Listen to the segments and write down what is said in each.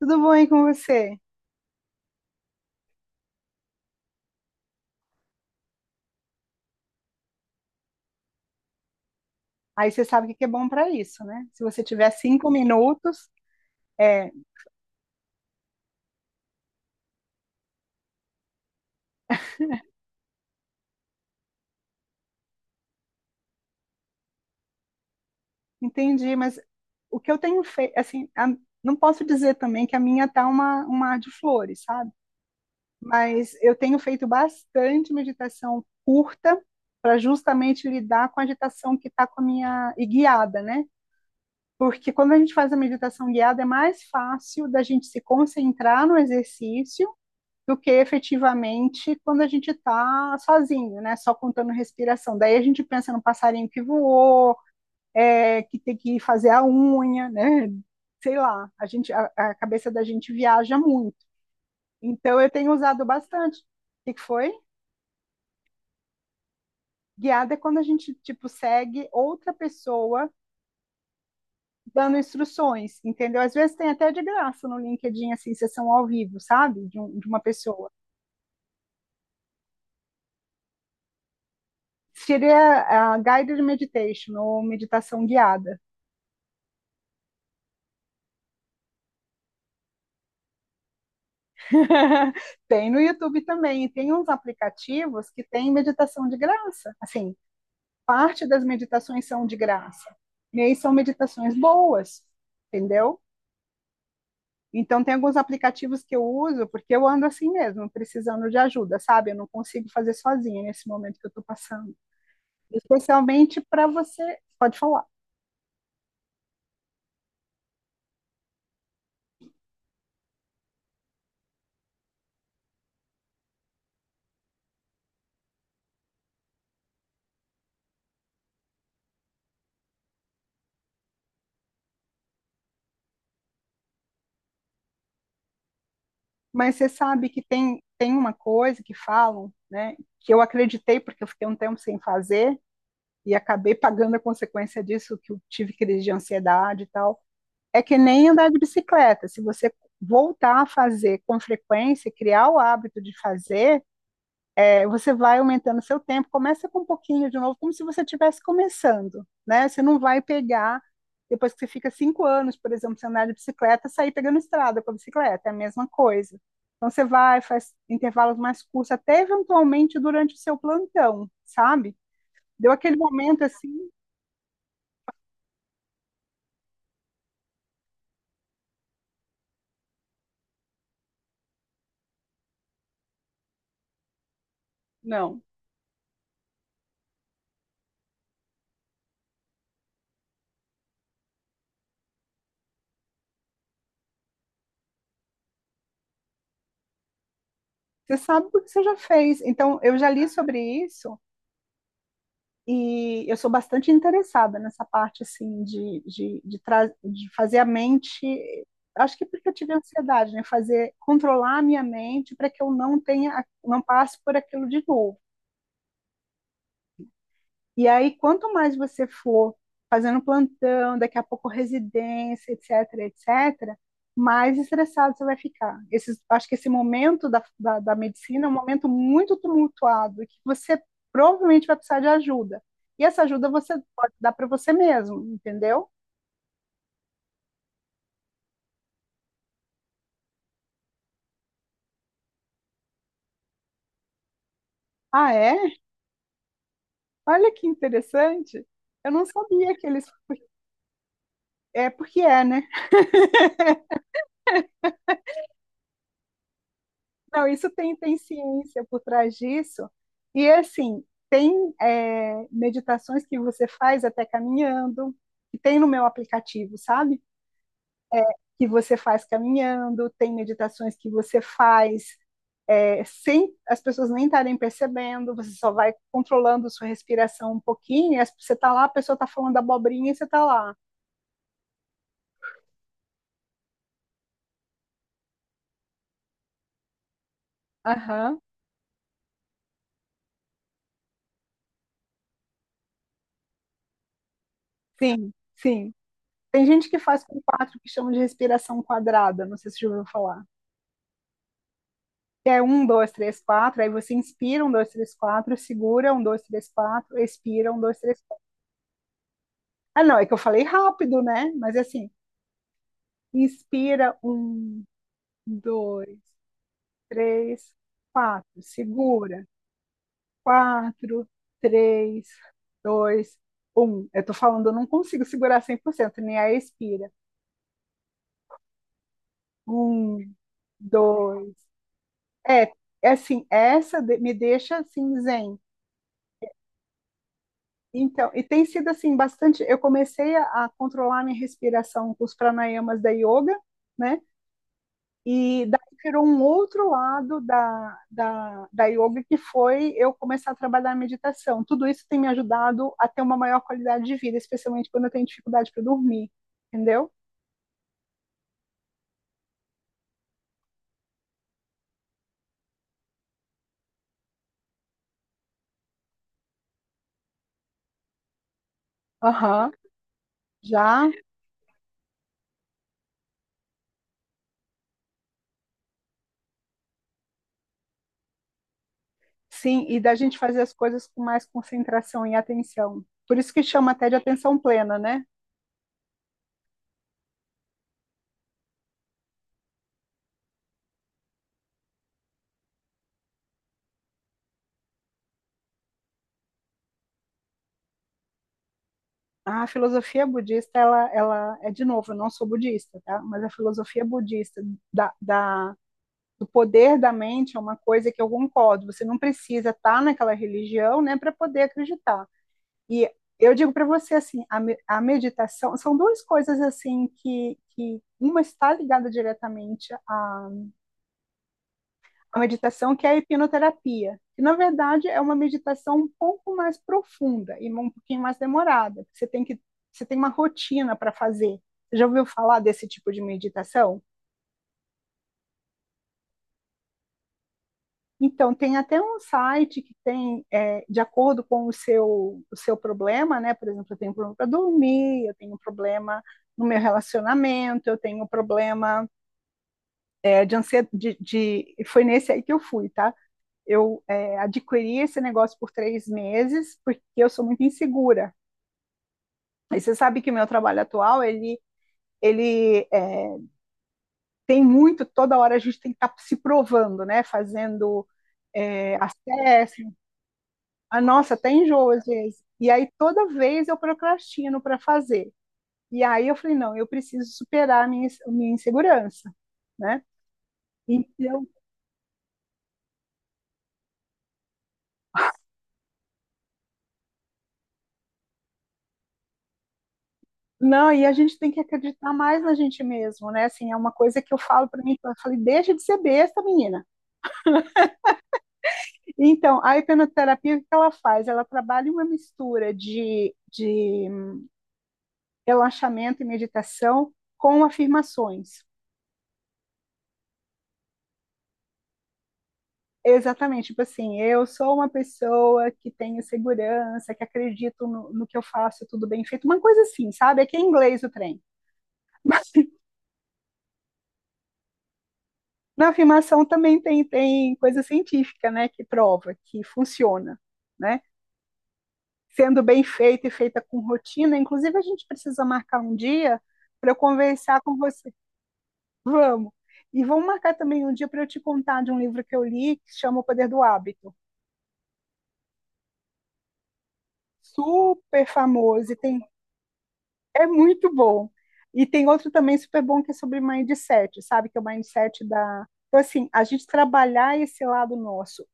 Tudo bom aí com você? Aí você sabe o que que é bom para isso, né? Se você tiver 5 minutos, é, entendi, mas o que eu tenho feito, assim, não posso dizer também que a minha tá um mar de flores, sabe? Mas eu tenho feito bastante meditação curta para justamente lidar com a agitação que está com a minha, e guiada, né? Porque quando a gente faz a meditação guiada, é mais fácil da gente se concentrar no exercício do que efetivamente quando a gente está sozinho, né? Só contando respiração. Daí a gente pensa no passarinho que voou, que tem que fazer a unha, né? Sei lá, a cabeça da gente viaja muito. Então eu tenho usado bastante. O que foi? Guiada é quando a gente, tipo, segue outra pessoa dando instruções, entendeu? Às vezes tem até de graça no LinkedIn, assim, sessão ao vivo, sabe? De uma pessoa. Seria a guided meditation, ou meditação guiada. Tem no YouTube também, e tem uns aplicativos que tem meditação de graça. Assim, parte das meditações são de graça, e aí são meditações boas, entendeu? Então, tem alguns aplicativos que eu uso, porque eu ando assim mesmo, precisando de ajuda, sabe? Eu não consigo fazer sozinha nesse momento que eu estou passando. Especialmente para você, pode falar, mas você sabe que tem uma coisa que falam, né? Que eu acreditei, porque eu fiquei um tempo sem fazer, e acabei pagando a consequência disso, que eu tive crise de ansiedade e tal. É que nem andar de bicicleta. Se você voltar a fazer com frequência, criar o hábito de fazer, você vai aumentando o seu tempo. Começa com um pouquinho de novo, como se você estivesse começando, né? Você não vai pegar depois que você fica 5 anos, por exemplo, sem andar de bicicleta, sair pegando estrada com a bicicleta, é a mesma coisa. Então você vai, faz intervalos mais curtos, até eventualmente durante o seu plantão, sabe? Deu aquele momento assim, não. Você sabe porque você já fez. Então, eu já li sobre isso e eu sou bastante interessada nessa parte, assim, de fazer a mente. Acho que porque eu tive ansiedade, né? Fazer, controlar a minha mente para que eu não tenha, não passe por aquilo de novo. E aí, quanto mais você for fazendo plantão, daqui a pouco residência, etc, etc, mais estressado você vai ficar. Esses, acho que esse momento da medicina é um momento muito tumultuado, que você provavelmente vai precisar de ajuda. E essa ajuda você pode dar para você mesmo, entendeu? Ah, é? Olha que interessante. Eu não sabia que eles. É porque é, né? Não, isso tem ciência por trás disso. E assim, tem meditações que você faz até caminhando, que tem no meu aplicativo, sabe? Que você faz caminhando, tem meditações que você faz sem as pessoas nem estarem percebendo, você só vai controlando sua respiração um pouquinho, e você tá lá, a pessoa tá falando abobrinha e você tá lá. Aham, sim, sim. Tem gente que faz com quatro que chamam de respiração quadrada, não sei se você já ouviu falar. É um, dois, três, quatro, aí você inspira, um, dois, três, quatro, segura, um, dois, três, quatro, expira, um, dois, três, quatro. Ah, não, é que eu falei rápido, né? Mas é assim, inspira, um, dois, três, quatro, segura, quatro, três, dois, um. Eu tô falando, eu não consigo segurar 100% nem a expira. Um, dois, é, é assim, essa me deixa assim, zen. Então, e tem sido assim bastante. Eu comecei a controlar minha respiração com os pranayamas da yoga, né? E daí virou um outro lado da yoga, que foi eu começar a trabalhar a meditação. Tudo isso tem me ajudado a ter uma maior qualidade de vida, especialmente quando eu tenho dificuldade para dormir, entendeu? Aham, já, sim, e da gente fazer as coisas com mais concentração e atenção. Por isso que chama até de atenção plena, né? A filosofia budista, ela é, de novo, eu não sou budista, tá? Mas a filosofia budista da, da, do poder da mente é uma coisa que eu concordo. Você não precisa estar naquela religião, né, para poder acreditar. E eu digo para você assim, a meditação são duas coisas assim que uma está ligada diretamente à a meditação que é a hipnoterapia, que na verdade é uma meditação um pouco mais profunda e um pouquinho mais demorada, porque você tem uma rotina para fazer. Você já ouviu falar desse tipo de meditação? Então, tem até um site que tem, de acordo com o seu problema, né? Por exemplo, eu tenho um problema para dormir, eu tenho um problema no meu relacionamento, eu tenho um problema de ansiedade. Foi nesse aí que eu fui, tá? Eu adquiri esse negócio por 3 meses porque eu sou muito insegura. E você sabe que o meu trabalho atual, ele tem muito, toda hora a gente tem que estar se provando, né? Fazendo acesso. A nossa, até enjoo às vezes. E aí toda vez eu procrastino para fazer. E aí eu falei, não, eu preciso superar a minha insegurança, né? Então, não, e a gente tem que acreditar mais na gente mesmo, né? Assim, é uma coisa que eu falo para mim, eu falei, deixa de ser besta, menina. Então, a hipnoterapia, o que ela faz? Ela trabalha uma mistura de relaxamento e meditação com afirmações. Exatamente, tipo assim, eu sou uma pessoa que tenho segurança, que acredito no que eu faço, tudo bem feito, uma coisa assim, sabe? É que é inglês o trem. Mas na afirmação também tem coisa científica, né, que prova que funciona, né? Sendo bem feita e feita com rotina, inclusive a gente precisa marcar um dia para eu conversar com você. Vamos. E vamos marcar também um dia para eu te contar de um livro que eu li que chama O Poder do Hábito. Super famoso e tem é muito bom. E tem outro também super bom que é sobre mindset, sabe? Que é o mindset da. Então, assim, a gente trabalhar esse lado nosso,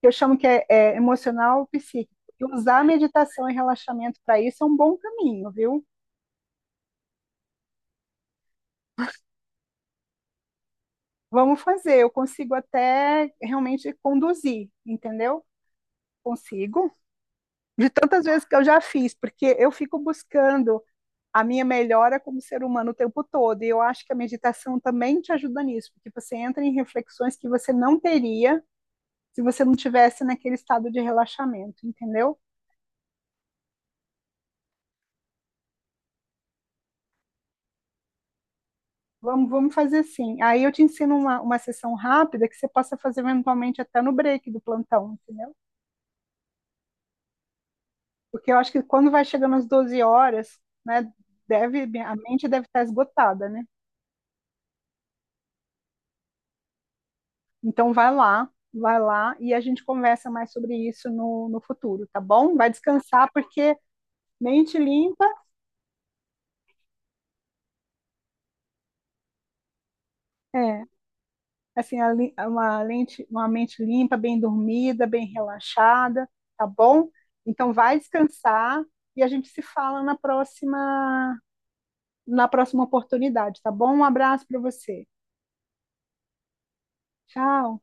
que eu chamo que é emocional ou psíquico, e usar a meditação e relaxamento para isso é um bom caminho, viu? Vamos fazer, eu consigo até realmente conduzir, entendeu? Consigo. De tantas vezes que eu já fiz, porque eu fico buscando a minha melhora como ser humano o tempo todo. E eu acho que a meditação também te ajuda nisso, porque você entra em reflexões que você não teria se você não tivesse naquele estado de relaxamento, entendeu? Vamos, vamos fazer assim. Aí eu te ensino uma sessão rápida que você possa fazer eventualmente até no break do plantão, entendeu? Porque eu acho que quando vai chegando às 12 horas, né, a mente deve estar esgotada, né? Então vai lá e a gente conversa mais sobre isso no futuro, tá bom? Vai descansar porque mente limpa é assim a li- uma lente, uma mente limpa, bem dormida, bem relaxada, tá bom? Então vai descansar e a gente se fala na próxima oportunidade, tá bom? Um abraço para você. Tchau.